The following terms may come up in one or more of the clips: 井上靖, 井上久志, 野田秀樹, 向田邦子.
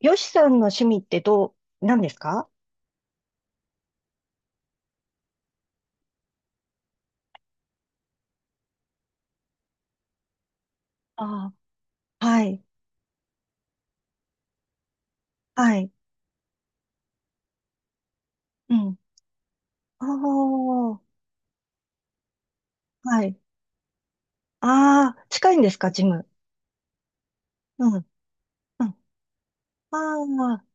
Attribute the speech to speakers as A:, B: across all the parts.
A: よしさんの趣味って何ですか？ああはい。はい。うん。ああ、はい。ああ、近いんですか、ジム？うん。うん。ああ、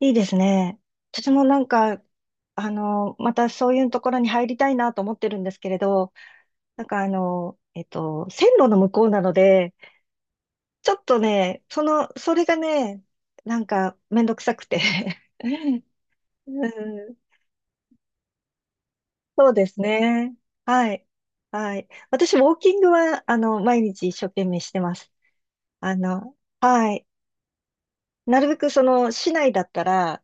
A: いいですね。私もなんか、またそういうところに入りたいなと思ってるんですけれど、なんか線路の向こうなので、ちょっとね、その、それがね、なんかめんどくさくて。 うん、そうですね。はい。はい。私、ウォーキングは、毎日一生懸命してます。あの、はい。なるべく、その、市内だったら、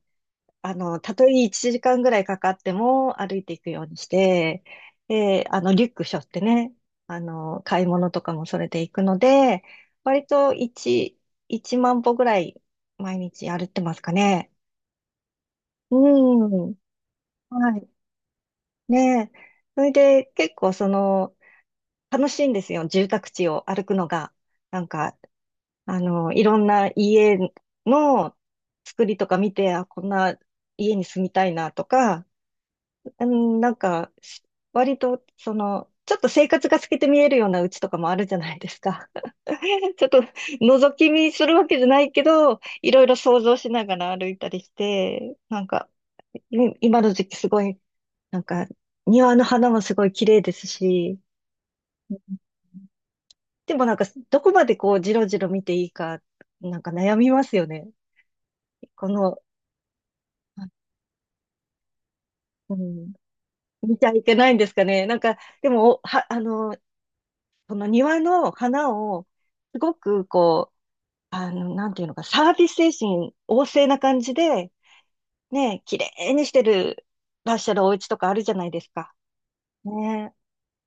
A: たとえ1時間ぐらいかかっても歩いていくようにして、で、リュック背負ってね、買い物とかもそれで行くので、割と1万歩ぐらい毎日歩いてますかね。うん。はい。ねえ。それで、結構、その、楽しいんですよ、住宅地を歩くのが。なんか、いろんな家の作りとか見て、あ、こんな家に住みたいなとか、うん、なんか、割と、その、ちょっと生活が透けて見えるような家とかもあるじゃないですか。ちょっと覗き見するわけじゃないけど、いろいろ想像しながら歩いたりして、なんか、い今の時期すごい、なんか、庭の花もすごい綺麗ですし、でもなんか、どこまでこう、じろじろ見ていいか、なんか悩みますよね。この、うん、見ちゃいけないんですかね。なんか、でも、おは、あの、この庭の花を、すごくこう、なんていうのか、サービス精神旺盛な感じで、ね、綺麗にしてる、らっしゃるお家とかあるじゃないですか。ねえ。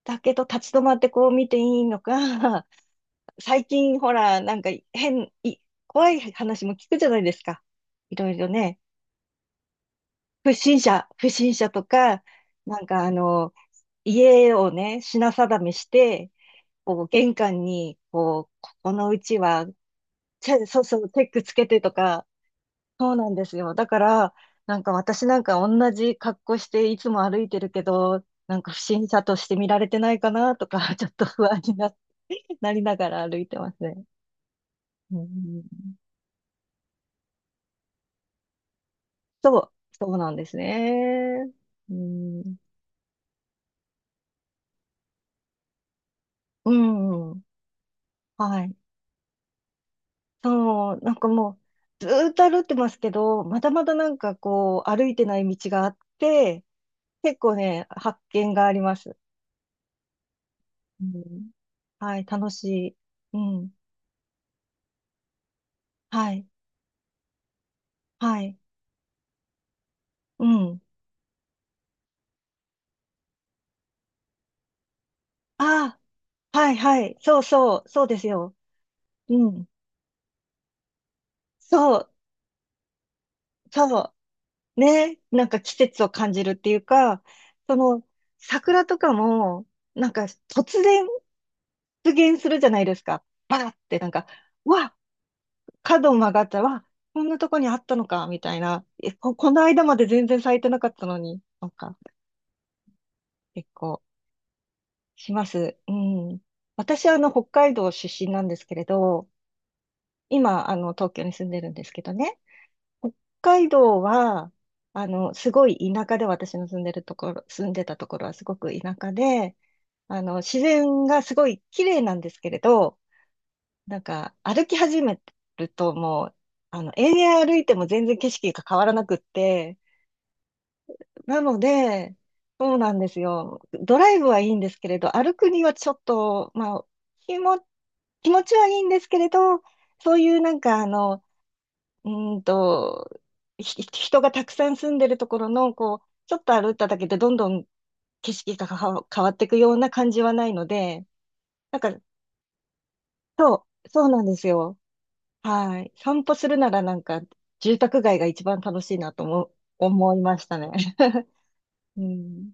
A: だけど、立ち止まってこう見ていいのか、最近ほら、なんか変、い、怖い話も聞くじゃないですか。いろいろね。不審者、不審者とか、なんか家をね、品定めして、こう、玄関に、こう、ここのうちは、そうそう、チェックつけてとか、そうなんですよ。だから、なんか私なんか同じ格好していつも歩いてるけど、なんか不審者として見られてないかなとか、ちょっと不安にな、なりながら歩いてますね。うん、そう、そうなんですね。うん、うん、はい。そう、なんかもう、ずーっと歩いてますけど、まだまだなんかこう、歩いてない道があって、結構ね、発見があります。うん、はい、楽しい。うん。はい、はい、うん。ああ、はい、はい、そうそう、そうですよ。うん。そう、そう。ね、なんか季節を感じるっていうか、その、桜とかも、なんか突然出現するじゃないですか。バーってなんか、うわ、角曲がったら、わ、こんなとこにあったのか、みたいな。え、この間まで全然咲いてなかったのに、なんか、結構、します。うん。私は北海道出身なんですけれど、今、東京に住んでるんですけどね、北海道は、すごい田舎で、私の住んでるところ、住んでたところはすごく田舎で、自然がすごい綺麗なんですけれど、なんか、歩き始めるともう、延々歩いても全然景色が変わらなくって、なので、そうなんですよ。ドライブはいいんですけれど、歩くにはちょっと、まあ、気も、気持ちはいいんですけれど、そういうなんか、うーんと、人がたくさん住んでるところの、こう、ちょっと歩いただけでどんどん景色が変わっていくような感じはないので、なんか、そう、そうなんですよ。はい。散歩するならなんか、住宅街が一番楽しいなとも思いましたね。うん。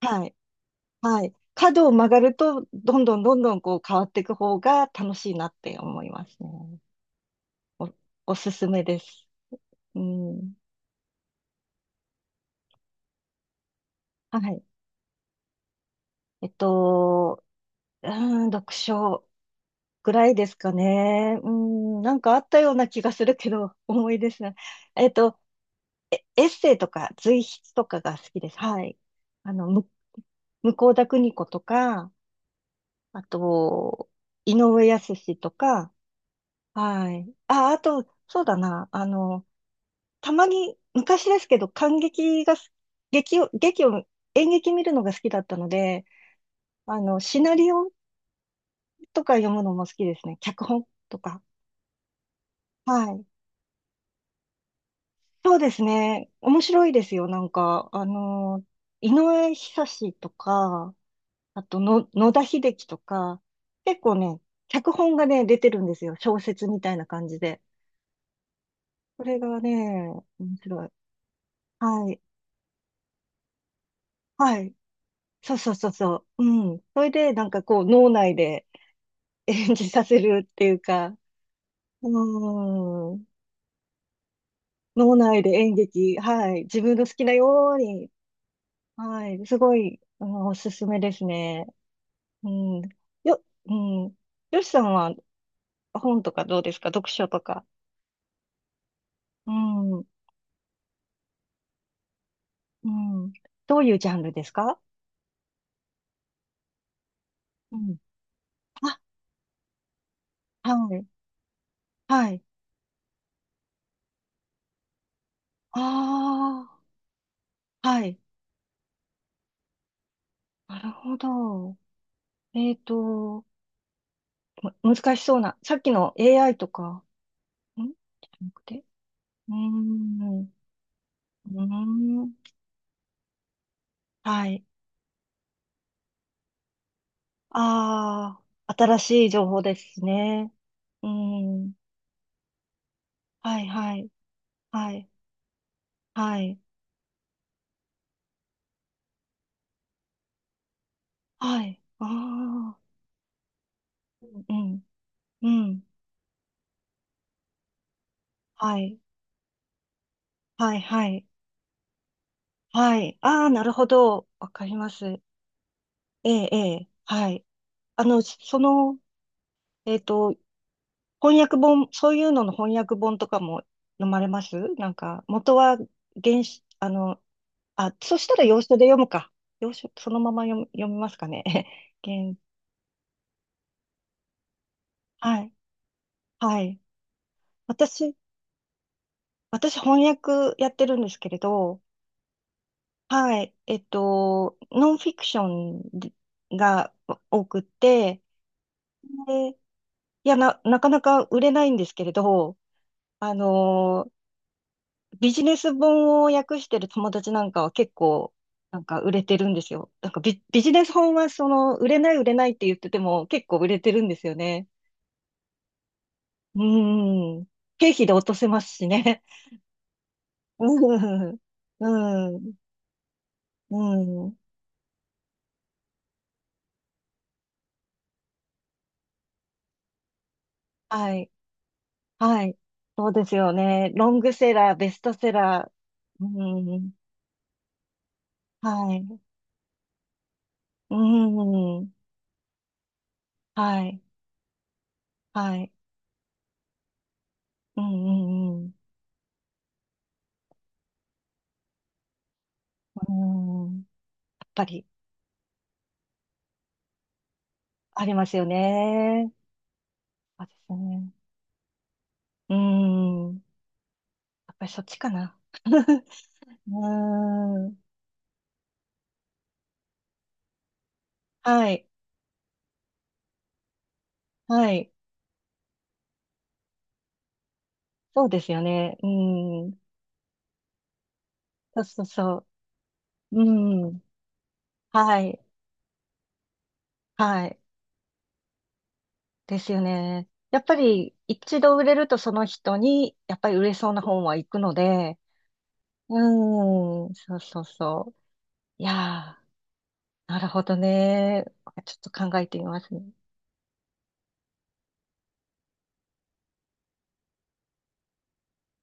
A: はい。はい。角を曲がると、どんどんどんどんこう変わっていく方が楽しいなって思いますね。お、おすすめです。うん。はい。えっと、うー読書ぐらいですかね。うん、なんかあったような気がするけど、重いですね。えっと、エッセイとか随筆とかが好きです。はい。あの、む、向田邦子とか、あと、井上靖とか、はい。あ、あと、そうだな、たまに、昔ですけど、観劇がす、劇を、劇を、演劇見るのが好きだったので、シナリオとか読むのも好きですね。脚本とか。はい。そうですね。面白いですよ。なんか、井上久志とか、あとの、野田秀樹とか、結構ね、脚本がね、出てるんですよ。小説みたいな感じで。これがね、面白い。はい。はい。そうそうそうそう。うん。それで、なんかこう、脳内で演じさせるっていうか、うーん。脳内で演劇、はい。自分の好きなように、はい。すごい、おすすめですね。うん。うん。よしさんは本とかどうですか、読書とか。うん。うん。どういうジャンルですか？うん。あ、はい。はい。ああ、はい。なるほど。えっと、難しそうな。さっきの AI とか、んじゃなくて。うーん。うーん。はい。ああ、新しい情報ですね。うーん。はい、はい。はい。はい。はい。ああ。うん。うん。はい。はい、はい。はい。ああ、なるほど。わかります。ええ、ええ、はい。あの、その、えっと、翻訳本、そういうのの翻訳本とかも飲まれますなんか、元は原始、あ、そしたら洋書で読むか。洋書、そのまま読みますかね。はい、はい。私、私翻訳やってるんですけれど、はい、ノンフィクションが多くって、で、いや、なかなか売れないんですけれど、あのービジネス本を訳してる友達なんかは結構、なんか売れてるんですよ。なんかビジネス本はその、売れない売れないって言ってても結構売れてるんですよね。うーん。経費で落とせますしね。うん。うん。うん。はい。はい。そうですよね。ロングセラー、ベストセラー。うん。はい。うん。はい。はい。うんうんうん。うん。やっぱり、ありますよね。そうですね。うん。やっぱりそっちかな。うん。はい。はい。そうですよね。うん。そうそうそう。うん。はい。はい。ですよね。やっぱり、一度売れるとその人に、やっぱり売れそうな本は行くので、うーん。そうそうそう。いやー、なるほどね。ちょっと考えてみますね。